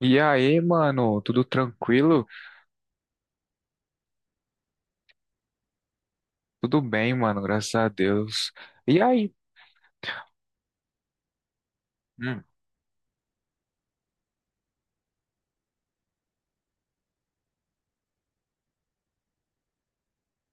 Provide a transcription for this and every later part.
E aí, mano, tudo tranquilo? Tudo bem, mano, graças a Deus. E aí? Hum.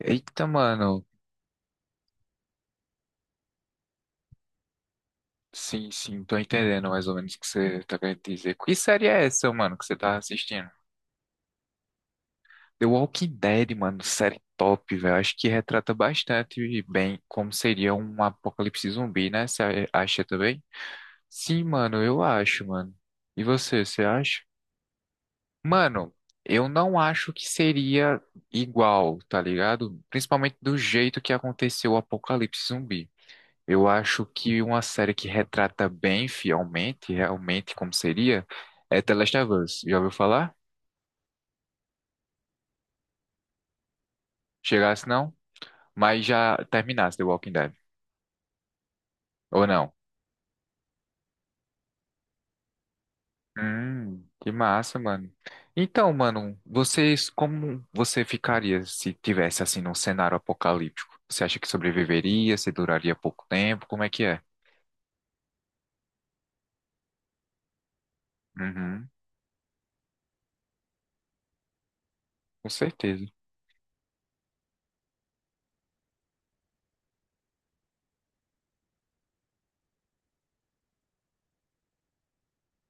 Eita, mano. Sim, sim, tô entendendo mais ou menos o que você tá querendo dizer. Que série é essa, mano, que você tá assistindo? The Walking Dead, mano, série top, velho. Acho que retrata bastante bem como seria um apocalipse zumbi, né? Você acha também? Sim, mano, eu acho, mano. E você, você acha? Mano, eu não acho que seria igual, tá ligado? Principalmente do jeito que aconteceu o Apocalipse Zumbi. Eu acho que uma série que retrata bem fielmente, realmente como seria, é The Last of Us. Já ouviu falar? Chegasse não? Mas já terminasse The Walking Dead. Ou não? Que massa, mano. Então, mano, vocês, como você ficaria se tivesse assim num cenário apocalíptico? Você acha que sobreviveria? Você duraria pouco tempo? Como é que é? Uhum, com certeza.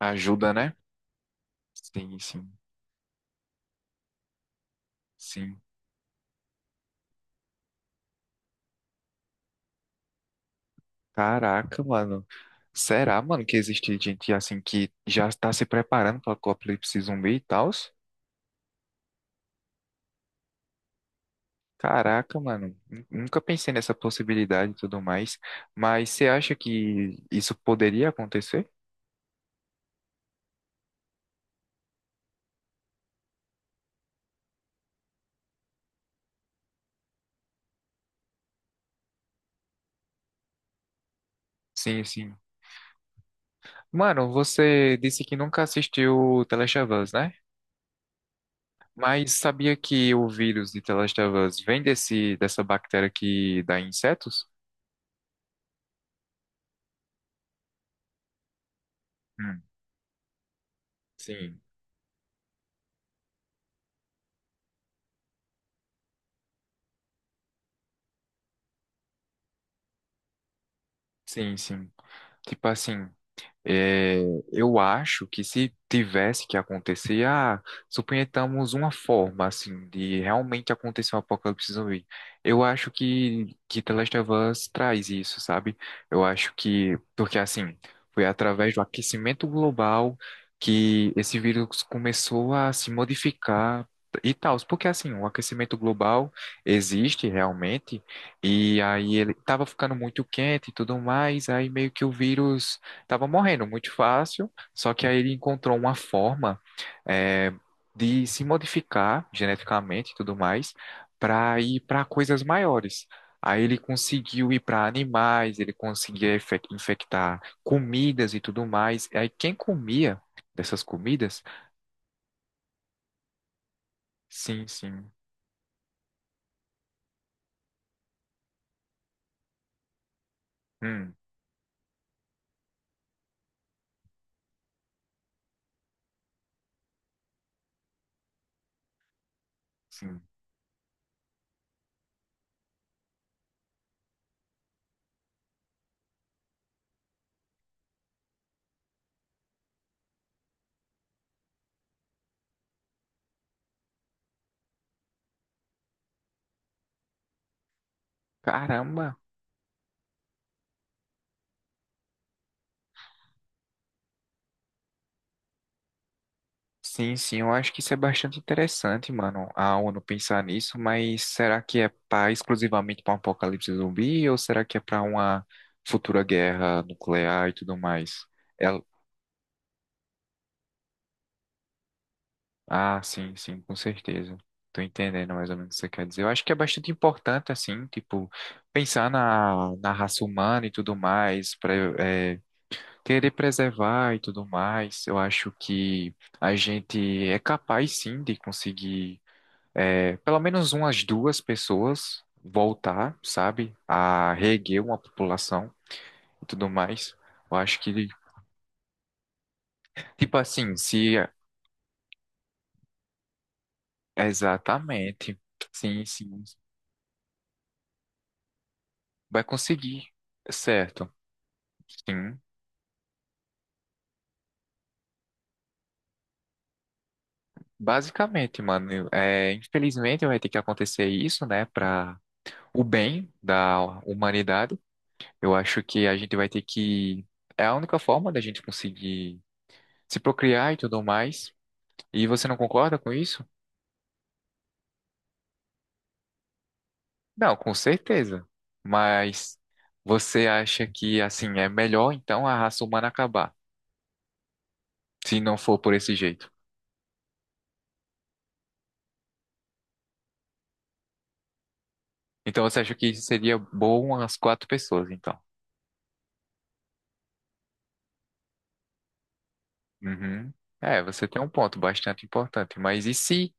Ajuda, né? Sim, sim, sim. Caraca, mano. Será, mano, que existe gente assim que já está se preparando para o apocalipse zumbi e tal? Caraca, mano. Nunca pensei nessa possibilidade e tudo mais. Mas você acha que isso poderia acontecer? Sim, sim. Mano, você disse que nunca assistiu Telechavas, né? Mas sabia que o vírus de Telechavas vem dessa bactéria que dá em insetos? Hum, sim. Sim, sim. Tipo assim, é, eu acho que se tivesse que acontecer, ah, suponhamos uma forma assim de realmente acontecer um apocalipse zumbi. Eu acho que The Last of Us traz isso, sabe? Eu acho que porque assim foi através do aquecimento global que esse vírus começou a se modificar e tal. Porque assim o aquecimento global existe realmente e aí ele estava ficando muito quente e tudo mais, aí meio que o vírus tava morrendo muito fácil, só que aí ele encontrou uma forma, é, de se modificar geneticamente e tudo mais para ir para coisas maiores. Aí ele conseguiu ir para animais, ele conseguia infectar comidas e tudo mais. Aí quem comia dessas comidas? Sim, sim. Hum, sim. Caramba! Sim, sim, eu acho que isso é bastante interessante, mano, a ONU pensar nisso, mas será que é para exclusivamente para um apocalipse zumbi ou será que é para uma futura guerra nuclear e tudo mais? Ela- Ah, sim, sim, com certeza. Tô entendendo mais ou menos o que você quer dizer. Eu acho que é bastante importante, assim, tipo, pensar na raça humana e tudo mais, pra, é, querer preservar e tudo mais. Eu acho que a gente é capaz, sim, de conseguir. É, pelo menos umas duas pessoas voltar, sabe, a reerguer uma população e tudo mais. Eu acho que, tipo assim, se exatamente, sim, sim, vai conseguir, certo? Sim, basicamente, mano, infelizmente vai ter que acontecer isso, né, para o bem da humanidade. Eu acho que a gente vai ter que, é a única forma da gente conseguir se procriar e tudo mais. E você não concorda com isso? Não, com certeza. Mas você acha que assim é melhor então a raça humana acabar, se não for por esse jeito? Então você acha que seria bom as quatro pessoas, então? Uhum. É, você tem um ponto bastante importante. Mas e se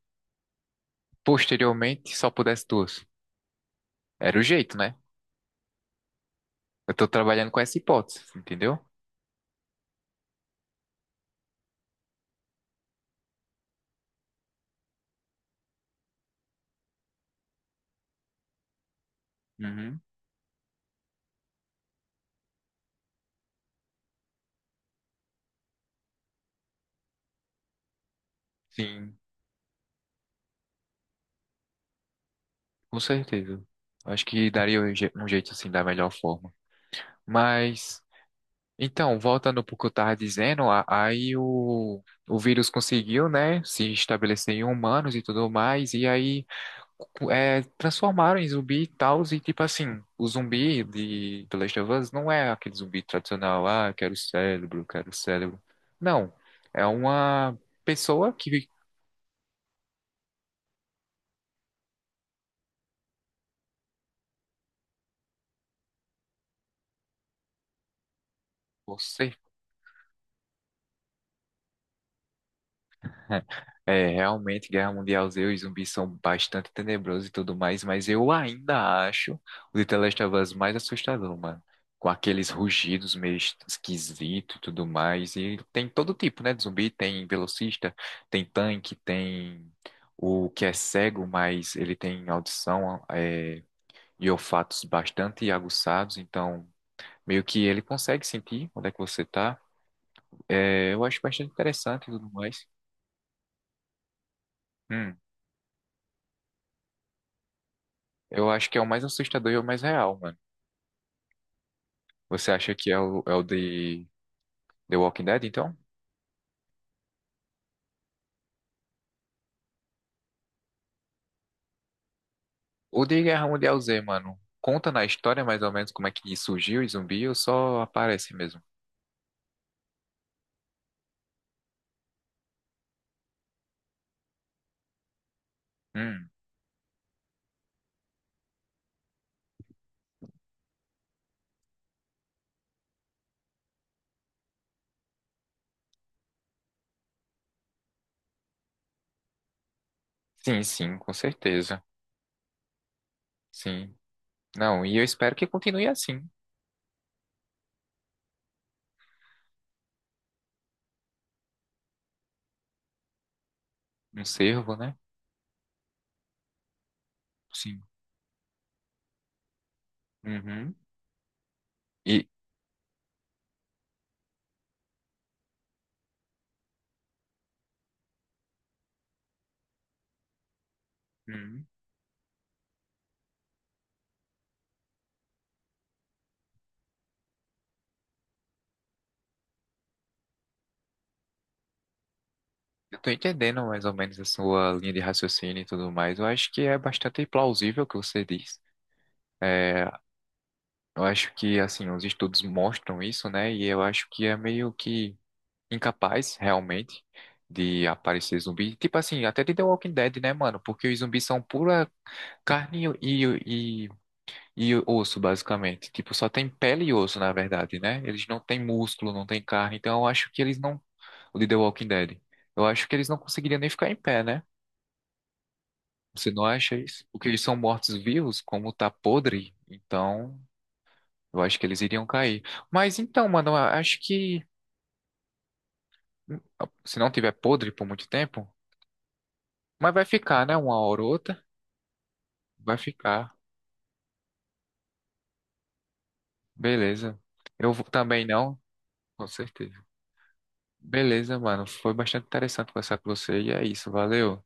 posteriormente só pudesse duas? Era o jeito, né? Eu tô trabalhando com essa hipótese, entendeu? Uhum. Sim, com certeza. Acho que daria um um jeito assim da melhor forma. Mas então, voltando para o que eu estava dizendo, aí o vírus conseguiu, né, se estabelecer em humanos e tudo mais, e aí transformaram em zumbi e tal, e tipo assim, o zumbi de The Last of Us não é aquele zumbi tradicional, ah, quero cérebro, quero cérebro. Não, é uma pessoa que... Você? É, realmente, Guerra Mundial Z, os zumbis são bastante tenebrosos e tudo mais, mas eu ainda acho o The Last of Us mais assustador, mano. Com aqueles rugidos meio esquisitos e tudo mais. E tem todo tipo, né, de zumbi. Tem velocista, tem tanque, tem o que é cego, mas ele tem audição, e olfatos bastante aguçados. Então, meio que ele consegue sentir onde é que você tá. É, eu acho bastante interessante e tudo mais. Hum. Eu acho que é o mais assustador e o mais real, mano. Você acha que é é o de The Walking Dead, então? O de Guerra Mundial Z, mano, conta na história mais ou menos como é que surgiu o zumbi ou só aparece mesmo? Hum, sim, sim, com certeza. Sim. Não, e eu espero que continue assim. Um servo, né? Sim. Uhum. E uhum. Eu tô entendendo mais ou menos a sua linha de raciocínio e tudo mais. Eu acho que é bastante plausível o que você diz. É, eu acho que, assim, os estudos mostram isso, né? E eu acho que é meio que incapaz, realmente, de aparecer zumbi. Tipo assim, até de The Walking Dead, né, mano? Porque os zumbis são pura carne e e osso, basicamente. Tipo, só tem pele e osso, na verdade, né? Eles não têm músculo, não têm carne. Então eu acho que eles não... O de The Walking Dead. Eu acho que eles não conseguiriam nem ficar em pé, né? Você não acha isso? Porque eles são mortos-vivos, como tá podre, então... Eu acho que eles iriam cair. Mas então, mano, eu acho que hum, se não tiver podre por muito tempo, mas vai ficar, né? Uma hora ou outra, vai ficar. Beleza. Também não, com certeza. Beleza, mano. Foi bastante interessante conversar com você e é isso. Valeu.